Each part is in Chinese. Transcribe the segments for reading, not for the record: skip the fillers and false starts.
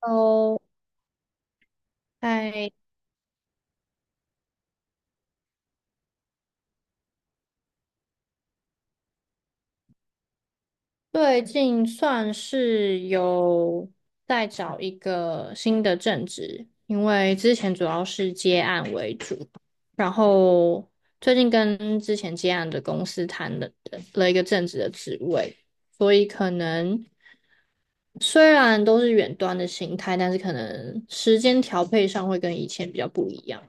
哦，哎，最近算是有在找一个新的正职，因为之前主要是接案为主，然后最近跟之前接案的公司谈了一个正职的职位，所以可能虽然都是远端的形态，但是可能时间调配上会跟以前比较不一样。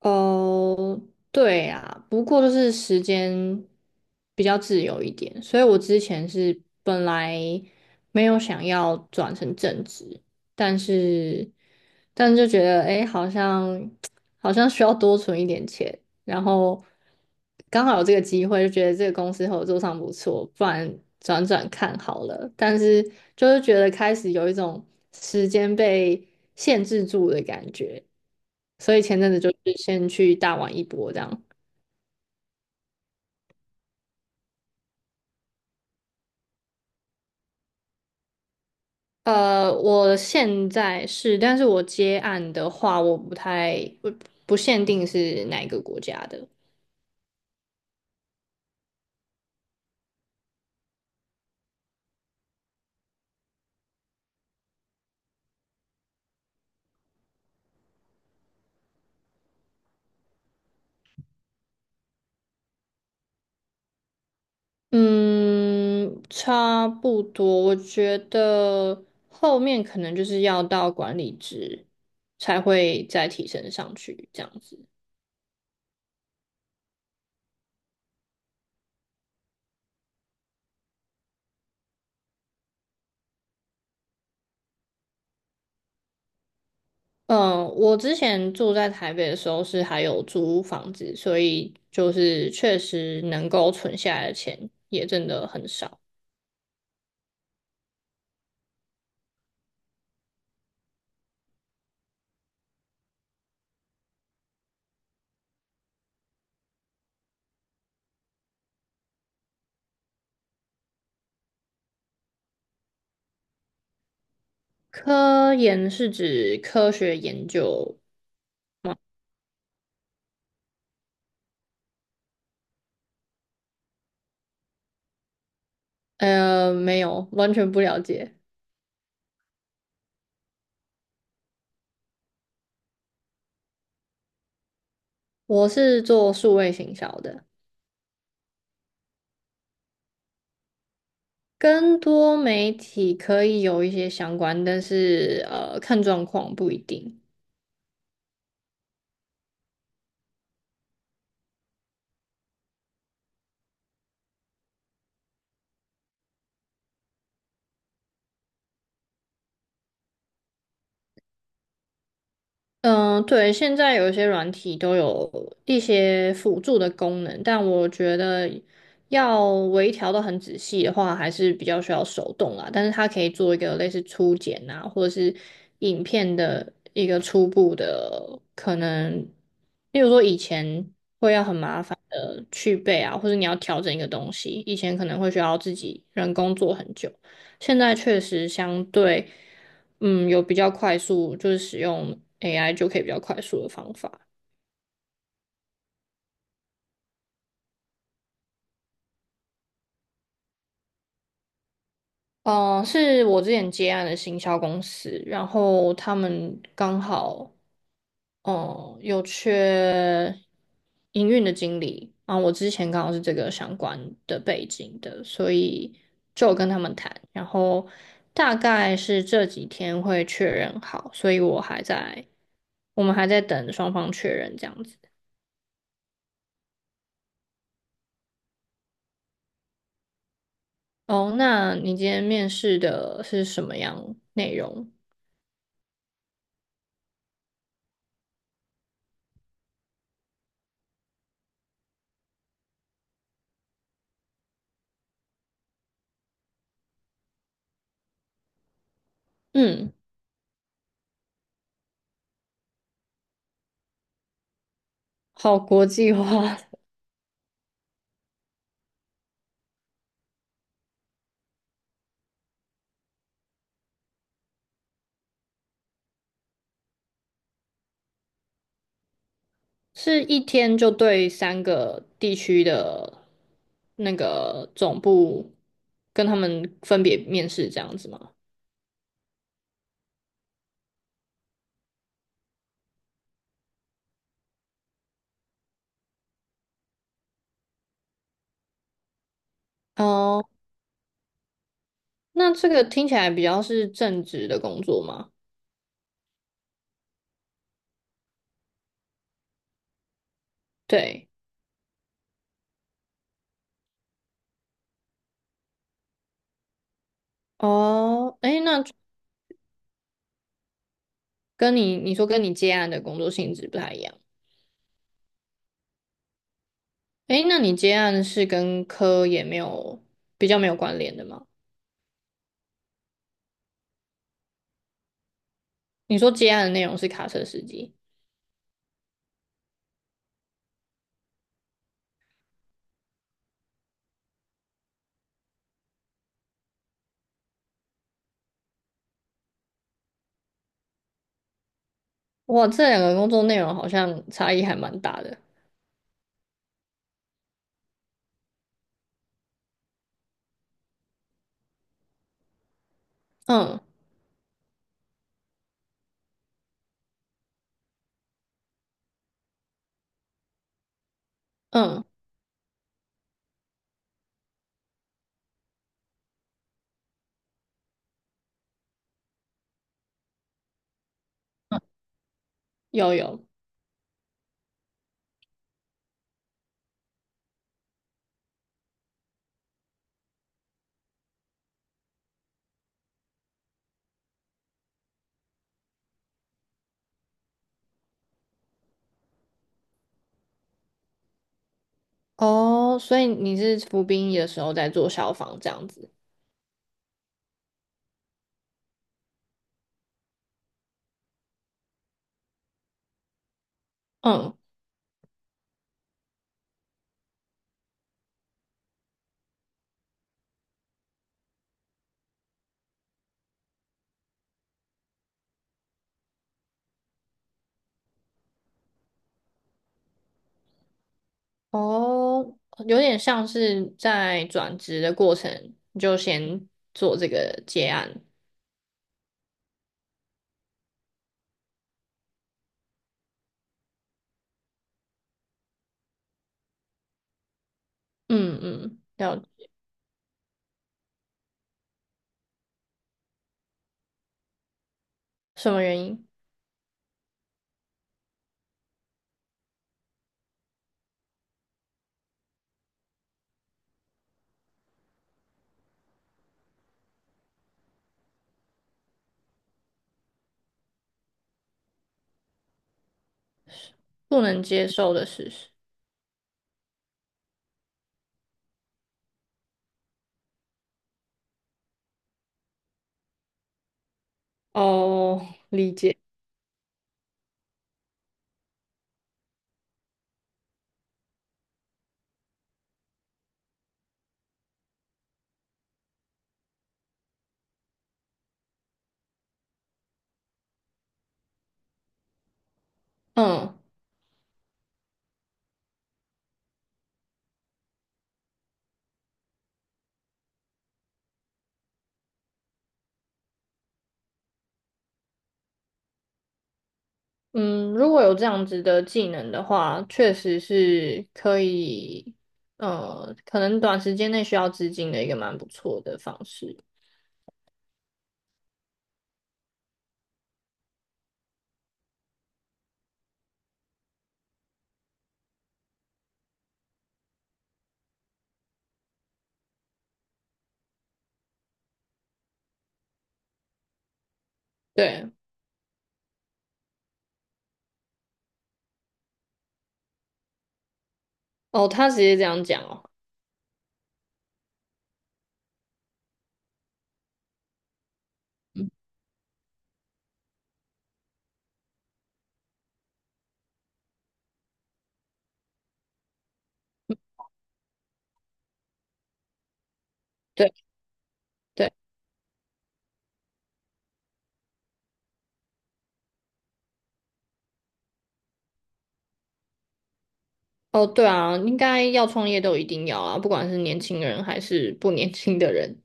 哦，对啊，不过就是时间比较自由一点，所以我之前是本来没有想要转成正职，但是但是就觉得诶，好像 好像需要多存一点钱，然后刚好有这个机会，就觉得这个公司合作上不错，不然转转看好了。但是就是觉得开始有一种时间被限制住的感觉。所以前阵子就是先去大玩一波这样。我现在是，但是我接案的话，我不太不不限定是哪一个国家的。嗯，差不多，我觉得后面可能就是要到管理职才会再提升上去这样子。嗯，我之前住在台北的时候是还有租房子，所以就是确实能够存下来的钱也真的很少。科研是指科学研究，没有，完全不了解。我是做数位行销的，跟多媒体可以有一些相关，但是看状况不一定。嗯，对，现在有一些软体都有一些辅助的功能，但我觉得要微调的很仔细的话，还是比较需要手动啦。但是它可以做一个类似初剪啊，或者是影片的一个初步的可能，例如说以前会要很麻烦的去背啊，或者你要调整一个东西，以前可能会需要自己人工做很久，现在确实相对。嗯，有比较快速，就是使用 AI 就可以比较快速的方法。嗯、是我之前接案的行销公司，然后他们刚好嗯有缺营运的经理，啊，我之前刚好是这个相关的背景的，所以就有跟他们谈，然后大概是这几天会确认好，所以我还在，我们还在等双方确认这样子。哦，那你今天面试的是什么样内容？嗯，好国际化，是一天就对三个地区的那个总部跟他们分别面试这样子吗？哦，那这个听起来比较是正职的工作吗？对，哦，诶，那跟你接案的工作性质不太一样，诶，那你接案是跟科也没有比较没有关联的吗？你说接案的内容是卡车司机，哇，这两个工作内容好像差异还蛮大的。嗯嗯，有有哦，所以你是服兵役的时候在做消防这样子。嗯哦，有点像是在转职的过程你就先做这个接案。嗯嗯，要什么原因不能接受的事实？哦，理解。嗯。嗯，如果有这样子的技能的话，确实是可以，可能短时间内需要资金的一个蛮不错的方式。对，哦，他直接这样讲哦，嗯对对，哦，对啊，应该要创业都一定要啊，不管是年轻人还是不年轻的人，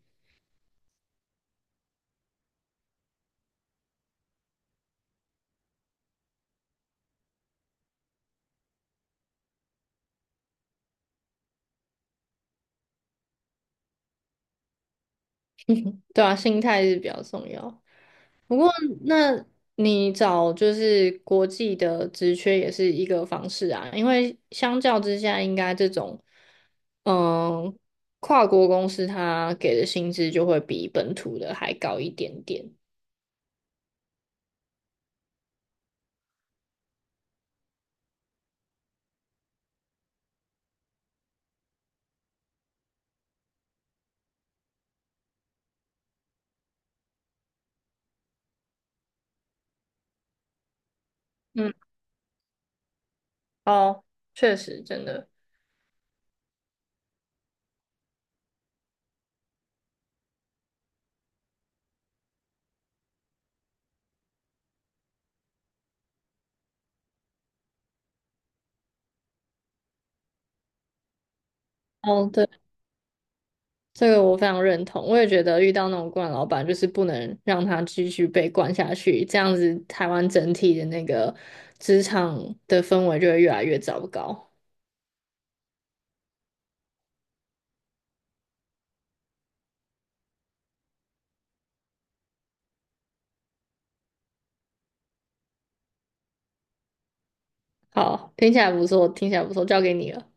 对啊，心态是比较重要。不过，那你找就是国际的职缺也是一个方式啊，因为相较之下，应该这种嗯跨国公司它给的薪资就会比本土的还高一点点。嗯，哦，确实，真的，哦，对，这个我非常认同。我也觉得遇到那种惯老板，就是不能让他继续被惯下去，这样子台湾整体的那个职场的氛围就会越来越糟糕。好，听起来不错，听起来不错，交给你了。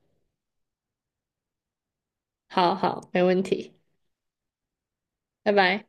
好好，没问题，拜拜。